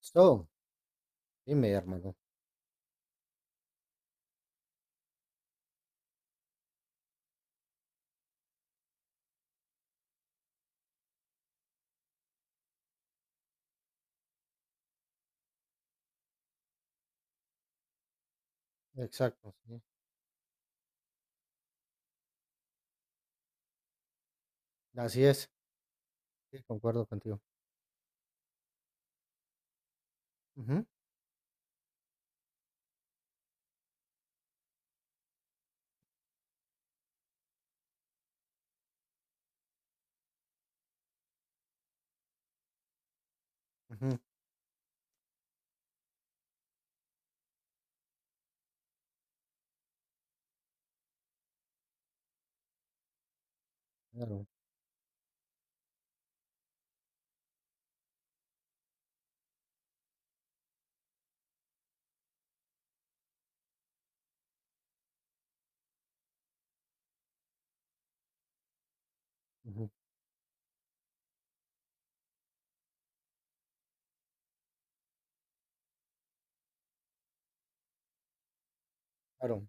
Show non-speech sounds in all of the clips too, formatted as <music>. So, dime, hermano. Exacto, sí. Así es, sí, concuerdo contigo. Ujú, ujú, claro, ujú, claro.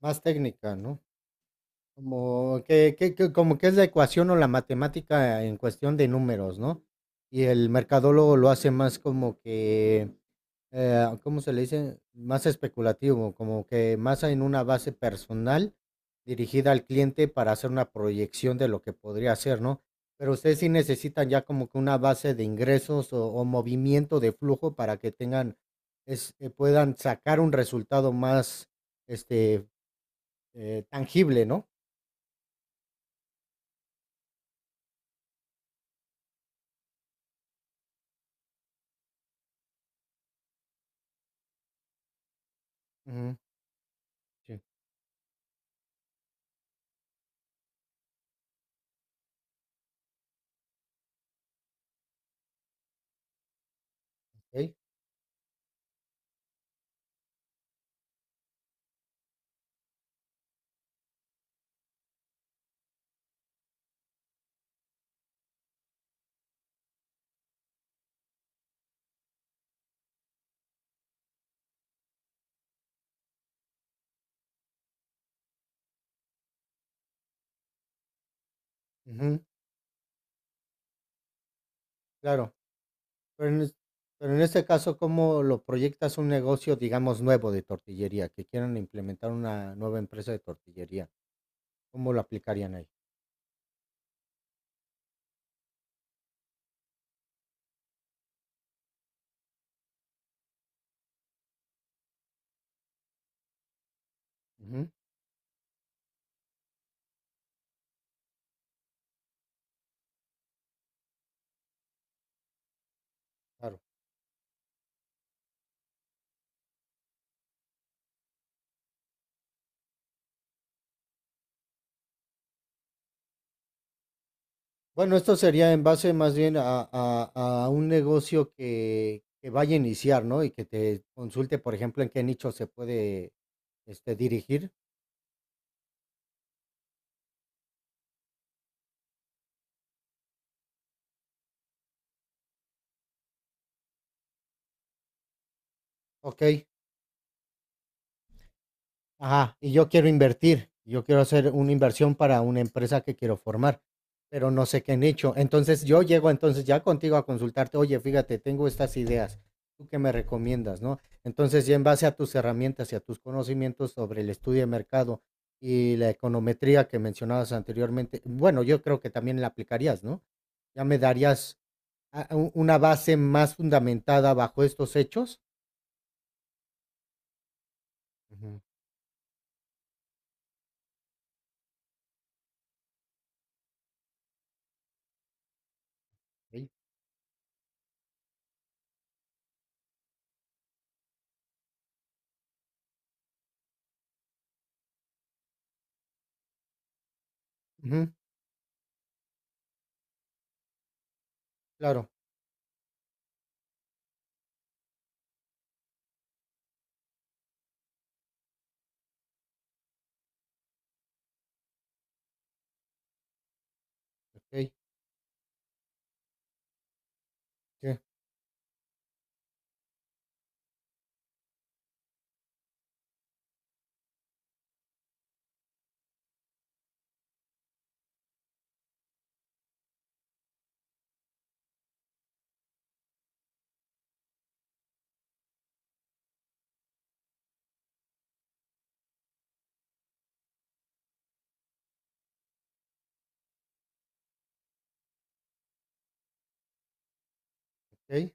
Más técnica, ¿no? Como que como que es la ecuación o la matemática en cuestión de números, ¿no? Y el mercadólogo lo hace más como que, ¿cómo se le dice? Más especulativo, como que más en una base personal dirigida al cliente para hacer una proyección de lo que podría hacer, ¿no? Pero ustedes sí necesitan ya como que una base de ingresos o movimiento de flujo para que tengan es puedan sacar un resultado más, este, tangible, ¿no? Sí. Okey, ujú, claro. Pero en es pero en este caso, ¿cómo lo proyectas un negocio, digamos, nuevo de tortillería? Que quieran implementar una nueva empresa de tortillería, ¿cómo lo aplicarían ahí? Ujú, claro. Bueno, esto sería en base más bien a a un negocio que vaya a iniciar, ¿no? Y que te consulte, por ejemplo, en qué nicho se puede, dirigir. Okey. Ajá, y yo quiero invertir, yo quiero hacer una inversión para una empresa que quiero formar, pero no sé qué nicho. Entonces yo llego entonces ya contigo a consultarte, oye, fíjate, tengo estas ideas, ¿tú qué me recomiendas, no? Entonces ya en base a tus herramientas y a tus conocimientos sobre el estudio de mercado y la econometría que mencionabas anteriormente, bueno, yo creo que también la aplicarías, ¿no? Ya me darías una base más fundamentada bajo estos hechos. Ujú, ok. Ujú, claro, ok, sí, ok.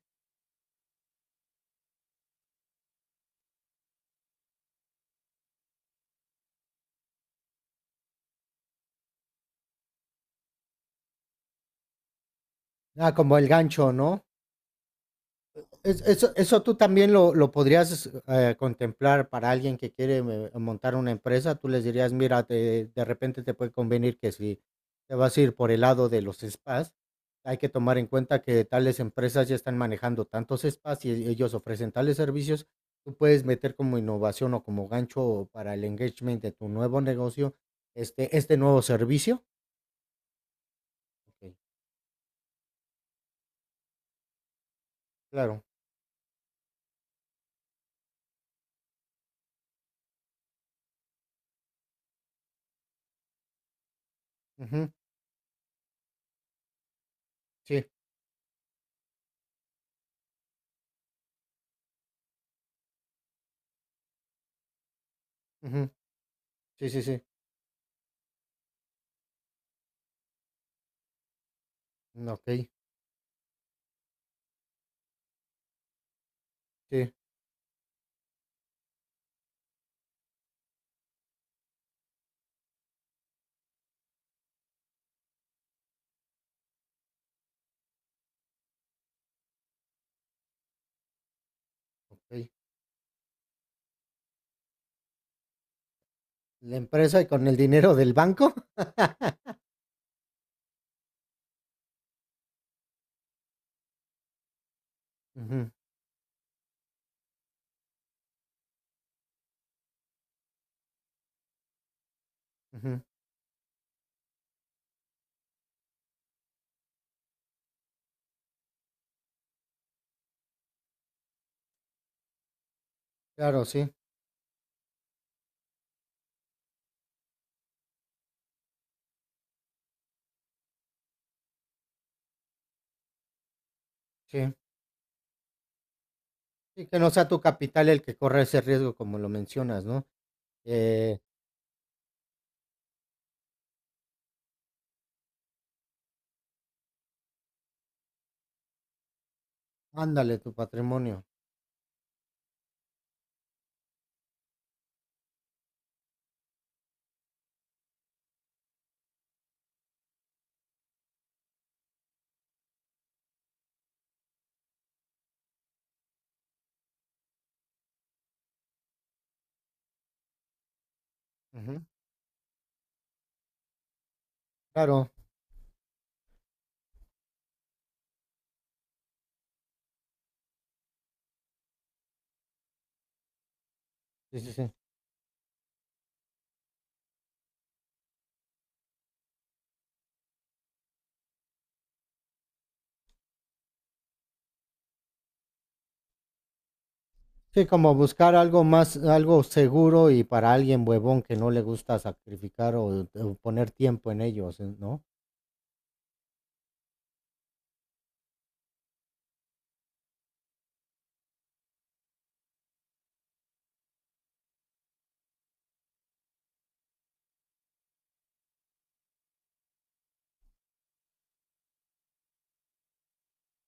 Ah, como el gancho, ¿no? Eso tú también lo, podrías contemplar para alguien que quiere montar una empresa. Tú les dirías, mira, de repente te puede convenir que si te vas a ir por el lado de los spas, hay que tomar en cuenta que tales empresas ya están manejando tantos spas y ellos ofrecen tales servicios. Tú puedes meter como innovación o como gancho para el engagement de tu nuevo negocio, este nuevo servicio. Ok, claro. Ujú, sí. Ujú, sí, sí, sí. Mm, ok. Sí. Ok. La empresa y con el dinero del banco. <laughs> Ujú, ujú. Claro, sí, sí. Sí, que no sea tu capital el que corre ese riesgo, como lo mencionas, ¿no? Eh, ándale, tu patrimonio. Ujú, claro, sí, sí, sí. Sí, como buscar algo más, algo seguro y para alguien huevón que no le gusta sacrificar o poner tiempo en ellos, ¿no?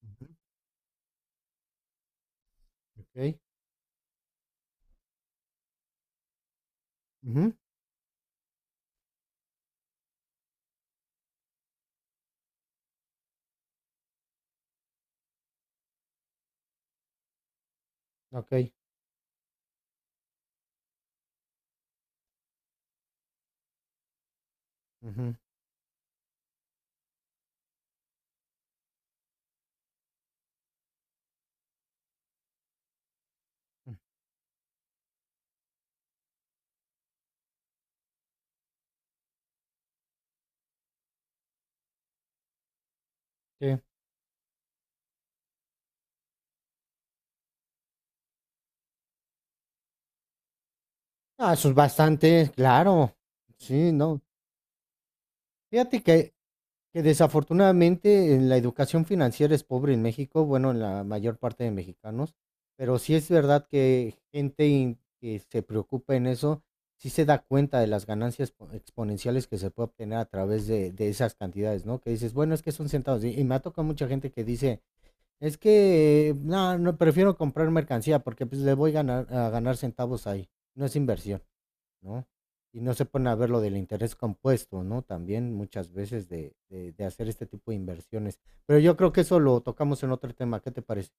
Ujú, ok, ujú, ok. Ujú, ujú, sí. Ah, eso es bastante, claro. Sí, no. Fíjate que desafortunadamente la educación financiera es pobre en México, bueno, en la mayor parte de mexicanos, pero sí es verdad que gente que se preocupa en eso, sí se da cuenta de las ganancias exponenciales que se puede obtener a través de esas cantidades, ¿no? Que dices, bueno, es que son centavos. Y me ha tocado mucha gente que dice, es que, no, no, prefiero comprar mercancía porque pues le voy a ganar, centavos ahí, no es inversión. ¿No? Y no se ponen a ver lo del interés compuesto, ¿no? También muchas veces de, de hacer este tipo de inversiones. Pero yo creo que eso lo tocamos en otro tema. ¿Qué te parece?